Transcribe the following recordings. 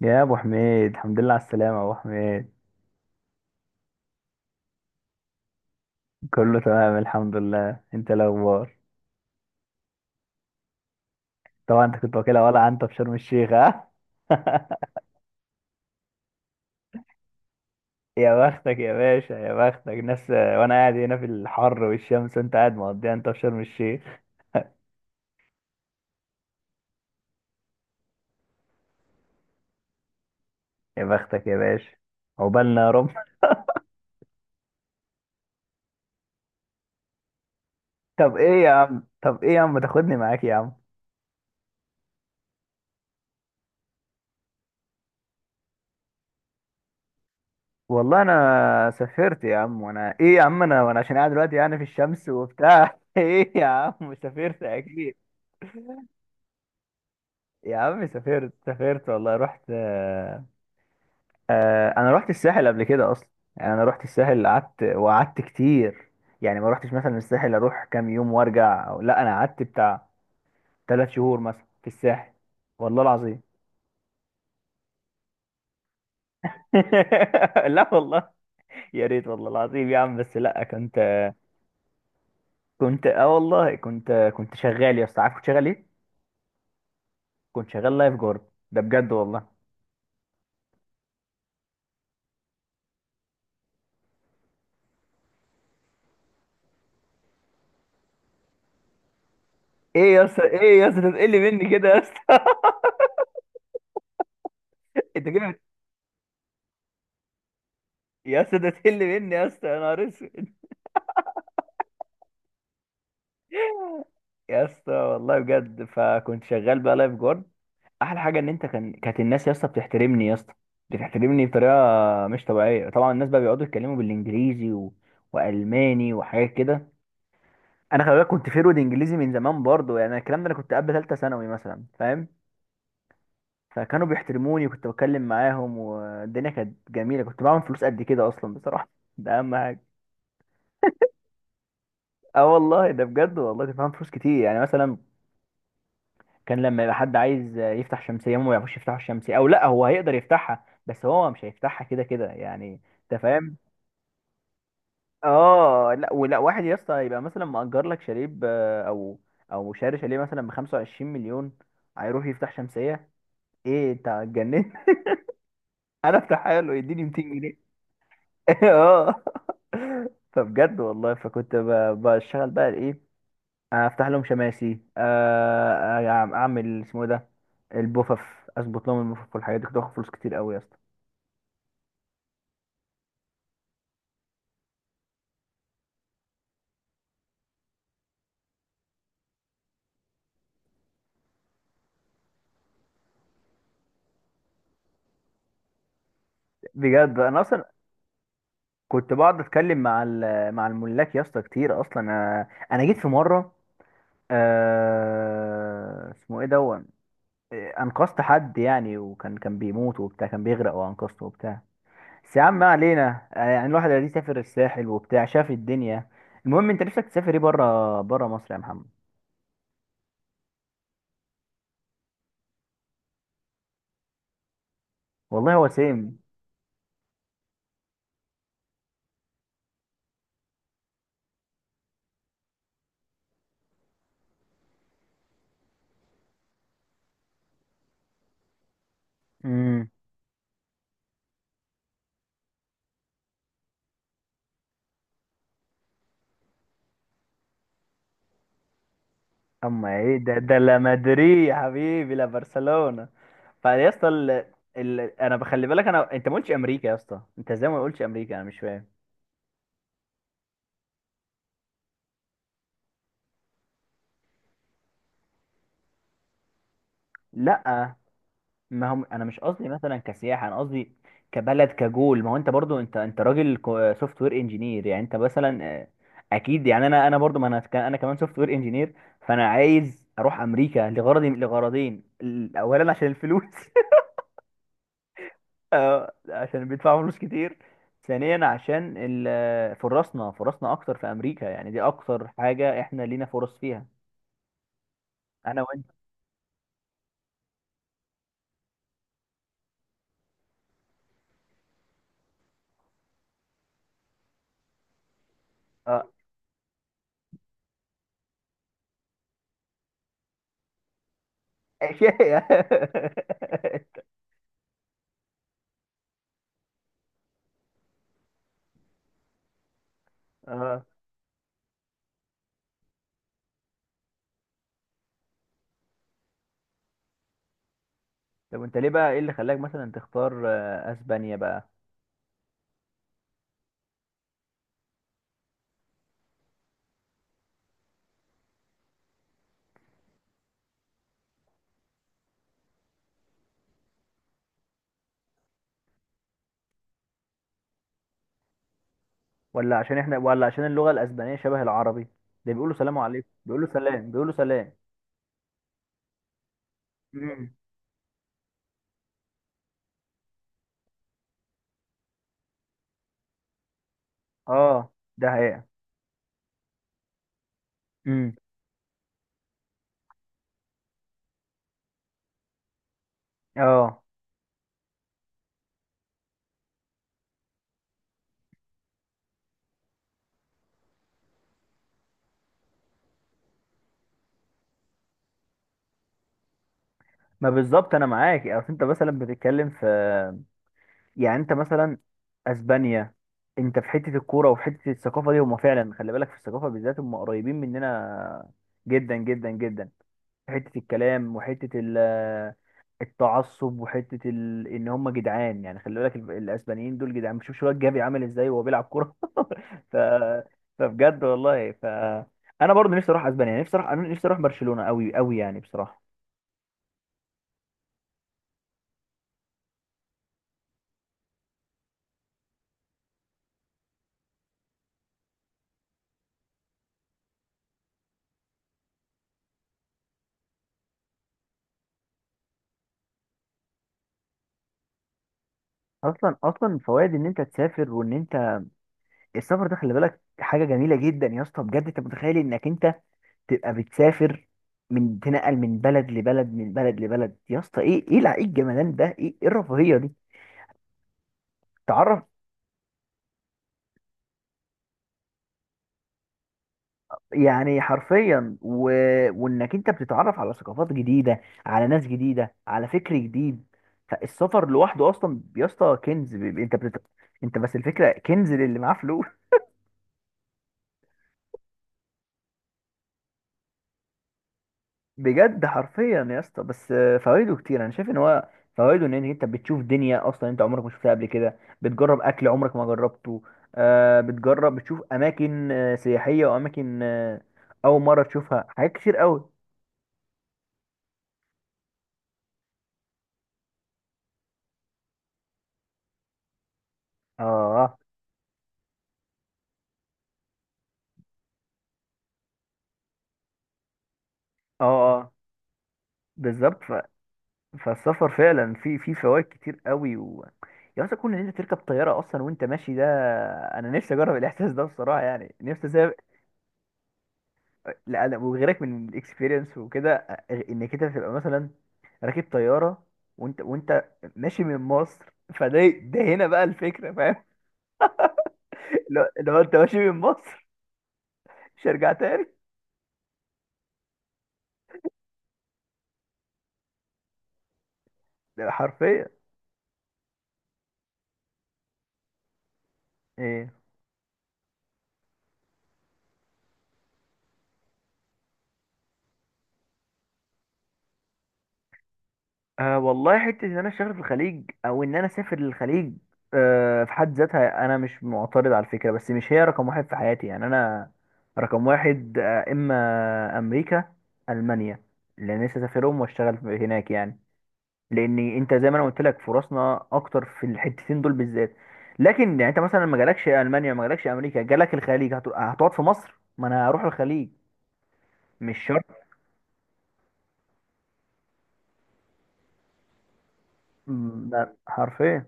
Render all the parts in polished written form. يا ابو حميد، الحمد لله على السلامه يا ابو حميد. كله تمام الحمد لله. انت إيه الاخبار؟ طبعا انت كنت واكلها ولا انت في شرم الشيخ، ها؟ يا بختك يا باشا، يا بختك ناس، وانا قاعد هنا في الحر والشمس وانت قاعد مقضيها انت في شرم الشيخ. يا بختك يا باشا، عقبالنا يا رب. طب ايه يا عم، ما تاخدني معاك يا عم. والله انا سافرت يا عم، وانا ايه يا عم انا وانا عشان قاعد دلوقتي يعني في الشمس وبتاع. ايه يا عم، سافرت اكيد يا عم، سافرت والله، رحت. آه، انا رحت الساحل قبل كده اصلا. يعني انا رحت الساحل، قعدت كتير. يعني ما رحتش مثلا الساحل اروح كام يوم وارجع، أو لا، انا قعدت بتاع ثلاث شهور مثلا في الساحل، والله العظيم. لا والله، يا ريت والله العظيم يا عم، بس لا، كنت، كنت اه والله كنت كنت شغال يا اسطى. عارف كنت شغال ايه؟ كنت شغال لايف جارد، ده بجد والله. ايه يا اسطى، تقل مني كده يا اسطى؟ انت كده بت- يا اسطى، ده تقل مني يا اسطى، يا نهار اسود. يا اسطى والله بجد، فكنت شغال بقى لايف جارد. احلى حاجه ان انت كانت الناس يا اسطى بتحترمني يا اسطى، بتحترمني بطريقه مش طبيعيه. طبعا الناس بقى بيقعدوا يتكلموا بالانجليزي والماني وحاجات كده. انا خلي بالك كنت فيرود انجليزي من زمان برضه، يعني الكلام ده انا كنت قبل ثالثه ثانوي مثلا فاهم. فكانوا بيحترموني وكنت بتكلم معاهم، والدنيا كانت جميله. كنت بعمل فلوس قد كده اصلا بصراحه، ده اهم حاجه. اه والله، ده بجد والله كنت بعمل فلوس كتير. يعني مثلا كان لما يبقى حد عايز يفتح شمسية، هم ما يعرفوش يفتحوا الشمسية، او لا هو هيقدر يفتحها بس هو مش هيفتحها كده كده يعني، انت فاهم. اه، لا ولا واحد يا اسطى يبقى مثلا مأجر لك شاليه او او شاري شاليه مثلا ب 25 مليون، هيروح يفتح شمسية؟ ايه انت اتجننت؟ انا افتحها له يديني 200 جنيه. اه، فبجد والله فكنت ب- بشتغل بقى ايه؟ افتح لهم شماسي. آه، اعمل اسمه إيه ده، البوفف، اظبط لهم البوفف والحاجات دي. كنت باخد فلوس كتير قوي يا اسطى، بجد. انا اصلا كنت بقعد اتكلم مع مع الملاك يا اسطى كتير اصلا. انا جيت في مره، آه، اسمه ايه، دون، آه، انقذت حد يعني، وكان بيموت وبتاع، كان بيغرق، وانقذته وبتاع. بس يا عم، ما علينا، آه، يعني الواحد اللي سافر الساحل وبتاع شاف الدنيا. المهم انت نفسك تسافر ايه بره، بره مصر يا محمد. والله هو سيم. اما ايه ده؟ لا مدريد يا حبيبي، لا برشلونة. فيا اسطى، انا بخلي بالك، انت ما قلتش امريكا يا اسطى، انت ازاي ما قلتش امريكا؟ انا مش فاهم. لا، ما هم انا مش قصدي مثلا كسياحة، انا قصدي كبلد، كجول. ما هو انت برضو، انت راجل سوفت وير انجينير. يعني انت مثلا، آه، اكيد. يعني انا برضو، ما انا انا كمان سوفت وير انجينير. فانا عايز اروح امريكا لغرض، لغرضين. اولا عشان الفلوس، آه، عشان بيدفعوا فلوس كتير. ثانيا عشان فرصنا، فرصنا اكتر في امريكا، يعني دي اكتر حاجه احنا لينا فرص فيها انا وانت. اه، اشياء. اه، طب انت ليه بقى، ايه اللي خلاك مثلا تختار آه اسبانيا بقى؟ ولا عشان احنا، ولا عشان اللغه الاسبانيه شبه العربي؟ ده بيقولوا سلام عليكم، بيقولوا سلام. امم، اه، ده حقيقه. امم، اه، ما بالظبط انا معاك. اصل انت مثلا بتتكلم في، يعني انت مثلا اسبانيا، انت في حته الكوره وفي حته الثقافه دي. هما فعلا خلي بالك، في الثقافه بالذات هما قريبين مننا جدا، جدا، جدا. في حته الكلام، وحته التعصب، ان هما جدعان. يعني خلي بالك الاسبانيين دول جدعان. شوف شو جافي عامل ازاي وهو بيلعب كوره. ف... فبجد والله، انا برضه نفسي اروح اسبانيا، نفسي اروح، انا نفسي اروح برشلونه قوي قوي يعني بصراحه. اصلا فوائد ان انت تسافر، السفر ده، خلي بالك حاجة جميلة جدا يا اسطى، بجد. انت متخيل انك انت تبقى بتسافر؟ تنقل من بلد لبلد، من بلد لبلد، يا اسطى، ايه، ايه ايه الجمدان ده؟ ايه، ايه الرفاهية دي؟ تعرف يعني حرفيا، وانك انت بتتعرف على ثقافات جديدة، على ناس جديدة، على فكر جديد. فالسفر لوحده اصلا يا اسطى كنز. انت بس الفكرة، كنز للي معاه فلوس. بجد حرفيا يا اسطى، بس آه فوائده كتير. انا شايف ان هو فوائده ان انت بتشوف دنيا اصلا انت عمرك ما شفتها قبل كده، بتجرب اكل عمرك ما جربته، آه، بتجرب، بتشوف اماكن آه سياحيه، واماكن آه اول مره تشوفها، حاجات كتير قوي. اه، اه، اه، بالظبط. فالسفر فعلا في في فوائد كتير قوي. يا اسطى كون ان انت تركب طياره اصلا وانت ماشي، ده انا نفسي اجرب الاحساس ده بصراحه. يعني نفسي اسافر، لا انا وغيرك. من الاكسبيرينس وكده انك انت تبقى مثلا راكب طياره، وانت ماشي من مصر، فده هنا بقى الفكره، فاهم؟ لو انت ماشي من مصر، مش هرجع تاني. ده حرفيا. ايه؟ آه والله، حته ان انا اشتغل في الخليج او ان انا اسافر للخليج آه في حد ذاتها انا مش معترض على الفكره، بس مش هي رقم واحد في حياتي. يعني انا رقم واحد آه اما امريكا، المانيا، لان نفسي اسافرهم واشتغل هناك يعني. لان انت زي ما انا قلت لك، فرصنا اكتر في الحتتين دول بالذات. لكن يعني انت مثلا ما جالكش المانيا، ما جالكش امريكا، جالك الخليج، هتقعد في مصر؟ ما انا هروح الخليج، مش شرط. ده حرفيا.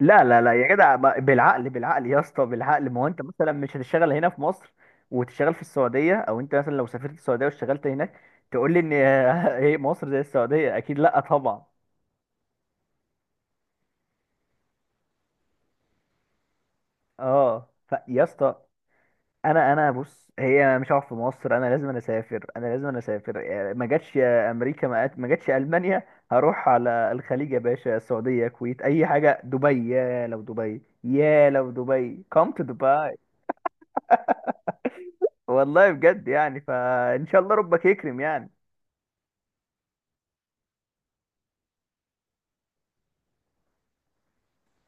لا لا لا يا جدع، بالعقل، بالعقل يا اسطى، بالعقل. ما هو انت مثلا مش هتشتغل هنا في مصر وتشتغل في السعوديه، او انت مثلا لو سافرت السعوديه واشتغلت هناك تقول لي ان هي مصر زي السعوديه؟ اكيد لا طبعا. اه، فيا اسطى، انا بص، هي مش هقعد في مصر، انا لازم، اسافر، انا لازم اسافر يعني. ما جاتش امريكا، ما جاتش المانيا، هروح على الخليج يا باشا. السعوديه، الكويت، اي حاجه، دبي. يا لو دبي، come to دبي. والله بجد يعني، فان شاء الله ربك يكرم يعني.